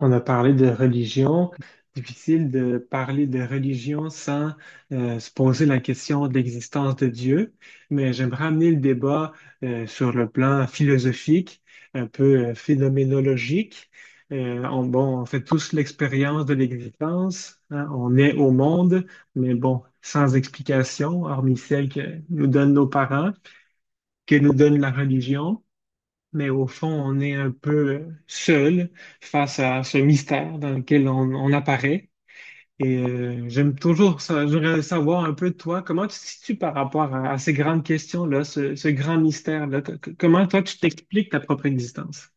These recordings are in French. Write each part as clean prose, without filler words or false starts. On a parlé de religion. Difficile de parler de religion sans se poser la question de l'existence de Dieu, mais j'aimerais amener le débat sur le plan philosophique, un peu phénoménologique. On, bon, on fait tous l'expérience de l'existence, hein, on est au monde, mais bon, sans explication, hormis celle que nous donnent nos parents, que nous donne la religion, mais au fond, on est un peu seul face à ce mystère dans lequel on apparaît. Et j'aime toujours ça. J'aimerais savoir un peu de toi, comment tu te situes par rapport à ces grandes questions-là, ce grand mystère-là. Comment toi, tu t'expliques ta propre existence?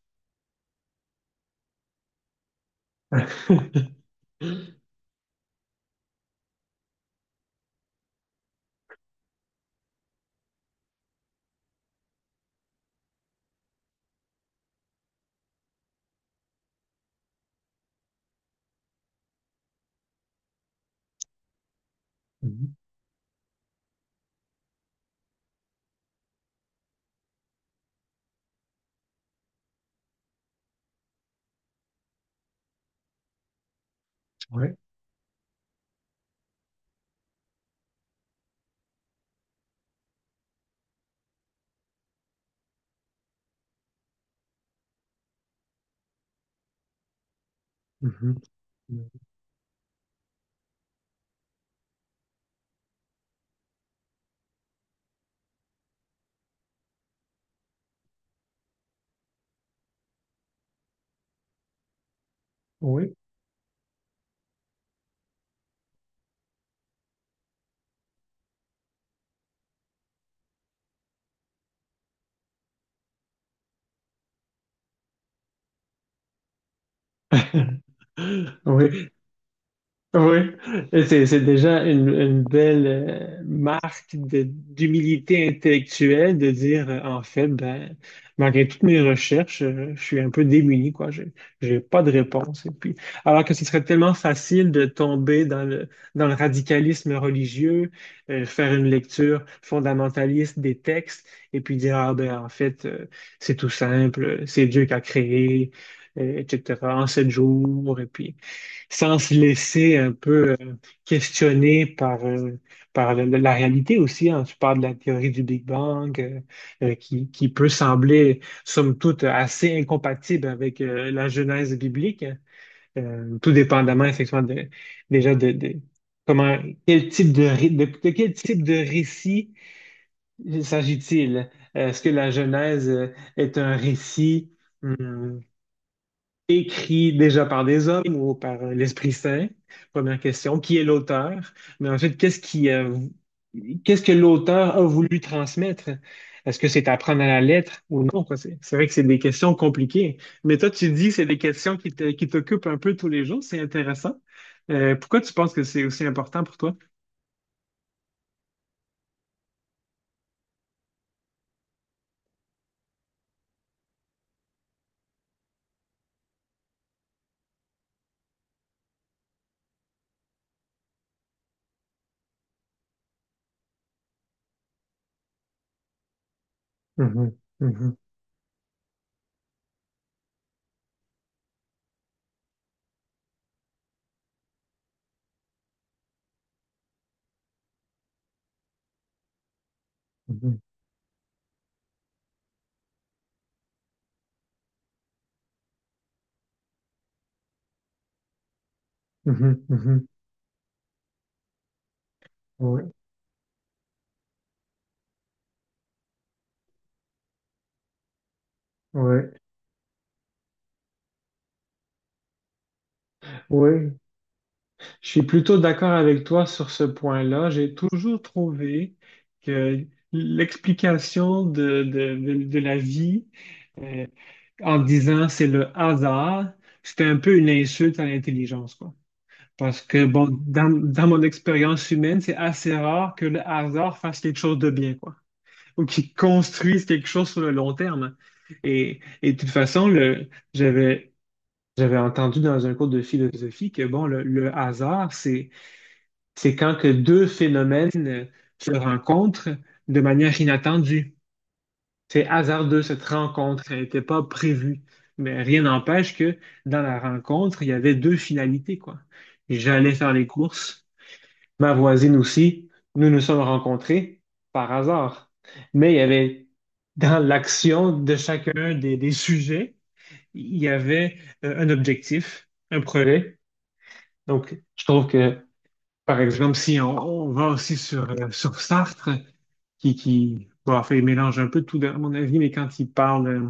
Mhm. Ouais. Mhm. Oui. Oui. Oui. Et c'est déjà une belle marque d'humilité intellectuelle de dire, en fait, ben, malgré toutes mes recherches, je suis un peu démuni, quoi. J'ai pas de réponse. Et puis, alors que ce serait tellement facile de tomber dans dans le radicalisme religieux, faire une lecture fondamentaliste des textes et puis dire, ah ben, en fait, c'est tout simple, c'est Dieu qui a créé, etc., en sept jours, et puis sans se laisser un peu questionner par, par la réalité aussi. Hein. Tu parles de la théorie du Big Bang, qui peut sembler, somme toute, assez incompatible avec la genèse biblique, hein. Tout dépendamment, effectivement, déjà de comment, quel type de quel type de récit s'agit-il? Est-ce que la genèse est un récit? hum, Écrit déjà par des hommes ou par l'Esprit Saint? Première question. Qui est l'auteur? Mais ensuite, qu'est-ce qui, qu'est-ce que l'auteur a voulu transmettre? Est-ce que c'est à prendre à la lettre ou non, quoi? C'est vrai que c'est des questions compliquées. Mais toi, tu dis que c'est des questions qui qui t'occupent un peu tous les jours. C'est intéressant. Pourquoi tu penses que c'est aussi important pour toi? Mhm, mhm, mhm. Mhm, mhm. Mhm. Ouais. Ouais, ouais. Je suis plutôt d'accord avec toi sur ce point-là. J'ai toujours trouvé que l'explication de la vie euh, en disant c'est le hasard, c'était un peu une insulte à l'intelligence, quoi. Parce que, bon, dans mon expérience humaine, c'est assez rare que le hasard fasse quelque chose de bien, quoi, ou qu'il construise quelque chose sur le long terme. Et de toute façon, j'avais j'avais entendu dans un cours de philosophie que bon, le hasard, c'est quand que deux phénomènes se rencontrent de manière inattendue. C'est hasardeux cette rencontre, elle n'était pas prévue. Mais rien n'empêche que dans la rencontre, il y avait deux finalités, quoi. J'allais faire les courses, ma voisine aussi, nous nous sommes rencontrés par hasard. Mais il y avait dans l'action de chacun des sujets, il y avait un objectif, un projet, donc, je trouve que, par exemple, si on va aussi sur, sur Sartre, qui bon, en fait, il mélange un peu tout, à mon avis, mais quand il parle euh,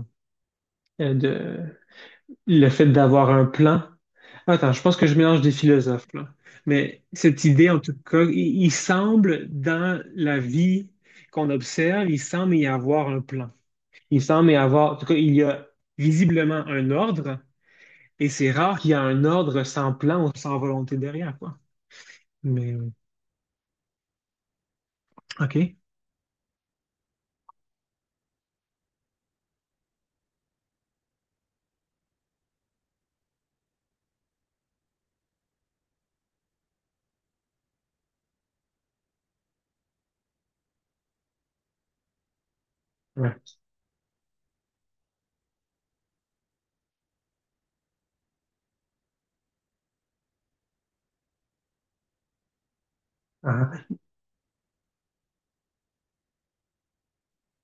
euh, de le fait d'avoir un plan, attends, je pense que je mélange des philosophes, là. Mais cette idée, en tout cas, il semble, dans la vie qu'on observe, il semble y avoir un plan. Il semble y avoir, en tout cas, il y a visiblement un ordre, et c'est rare qu'il y ait un ordre sans plan ou sans volonté derrière, quoi. Mais, euh, OK. Ouais. Ah.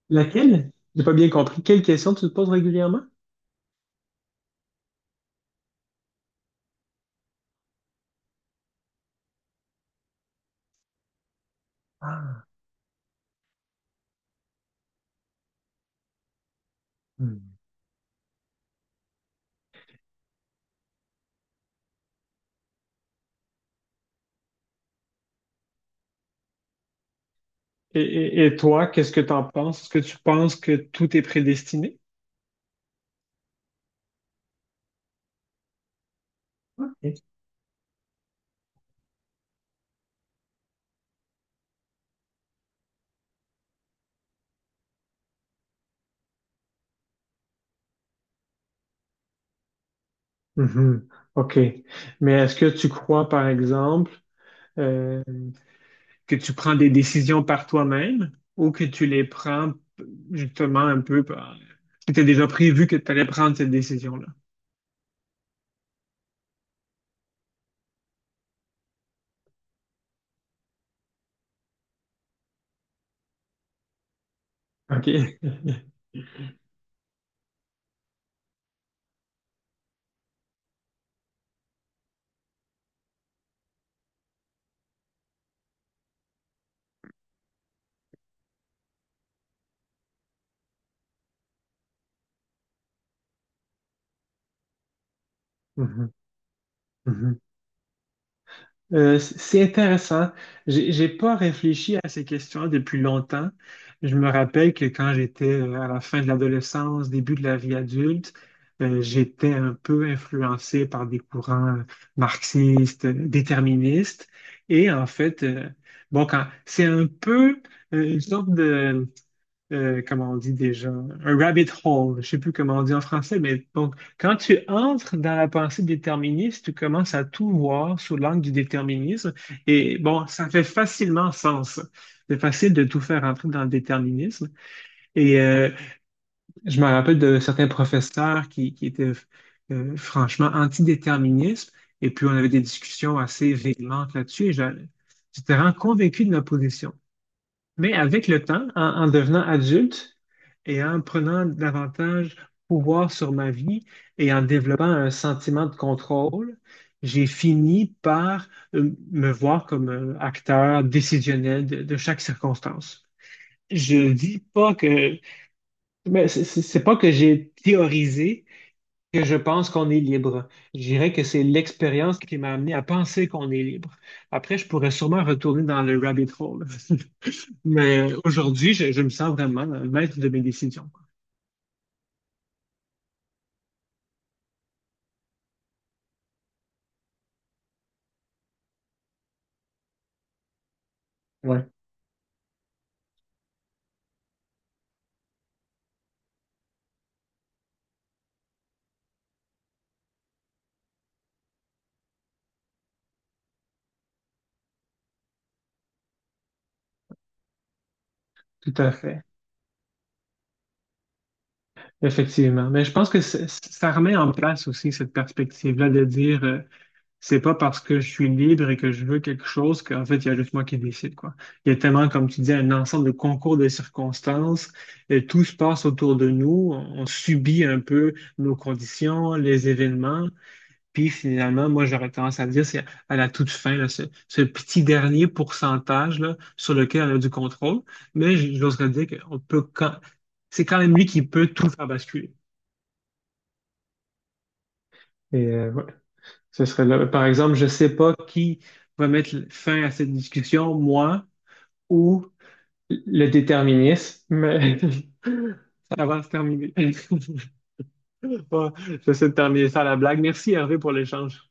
Laquelle? J'ai pas bien compris. Quelle question tu te poses régulièrement? Ah. Hmm. Et toi, qu'est-ce que tu en penses? Est-ce que tu penses que tout est prédestiné? Ok. Mhm. OK. Mais est-ce que tu crois, par exemple, euh, que tu prends des décisions par toi-même ou que tu les prends justement un peu par… Tu as déjà prévu que tu allais prendre cette décision-là. OK. Mhm, mhm. C'est intéressant. J'ai pas réfléchi à ces questions depuis longtemps. Je me rappelle que quand j'étais à la fin de l'adolescence, début de la vie adulte, j'étais un peu influencé par des courants marxistes, déterministes. Et en fait, bon, quand c'est un peu une sorte de comment on dit déjà, un rabbit hole, je sais plus comment on dit en français, mais donc, quand tu entres dans la pensée déterministe, tu commences à tout voir sous l'angle du déterminisme, et bon, ça fait facilement sens. C'est facile de tout faire entrer dans le déterminisme. Et je me rappelle de certains professeurs qui étaient franchement antidéterministes, et puis on avait des discussions assez véhémentes là-dessus, et j'étais vraiment convaincu de ma position. Mais avec le temps, en devenant adulte et en prenant davantage pouvoir sur ma vie et en développant un sentiment de contrôle, j'ai fini par me voir comme un acteur décisionnel de chaque circonstance. Je dis pas que, mais c'est pas que j'ai théorisé que je pense qu'on est libre. Je dirais que c'est l'expérience qui m'a amené à penser qu'on est libre. Après, je pourrais sûrement retourner dans le rabbit hole. Mais aujourd'hui, je me sens vraiment le maître de mes décisions. Oui, tout à fait. Effectivement. Mais je pense que ça remet en place aussi cette perspective-là de dire c'est pas parce que je suis libre et que je veux quelque chose qu'en fait, il y a juste moi qui décide, quoi. Il y a tellement, comme tu dis, un ensemble de concours de circonstances et tout se passe autour de nous. On subit un peu nos conditions, les événements. Puis finalement, moi, j'aurais tendance à dire, c'est à la toute fin, là, ce petit dernier pourcentage là, sur lequel on a du contrôle. Mais j'oserais dire qu'on peut quand… c'est quand même lui qui peut tout faire basculer. Et ouais, ce serait là. Par exemple, je ne sais pas qui va mettre fin à cette discussion, moi ou le déterminisme, mais ça va se terminer. Ouais, j'essaie de terminer ça à la blague. Merci Hervé pour l'échange.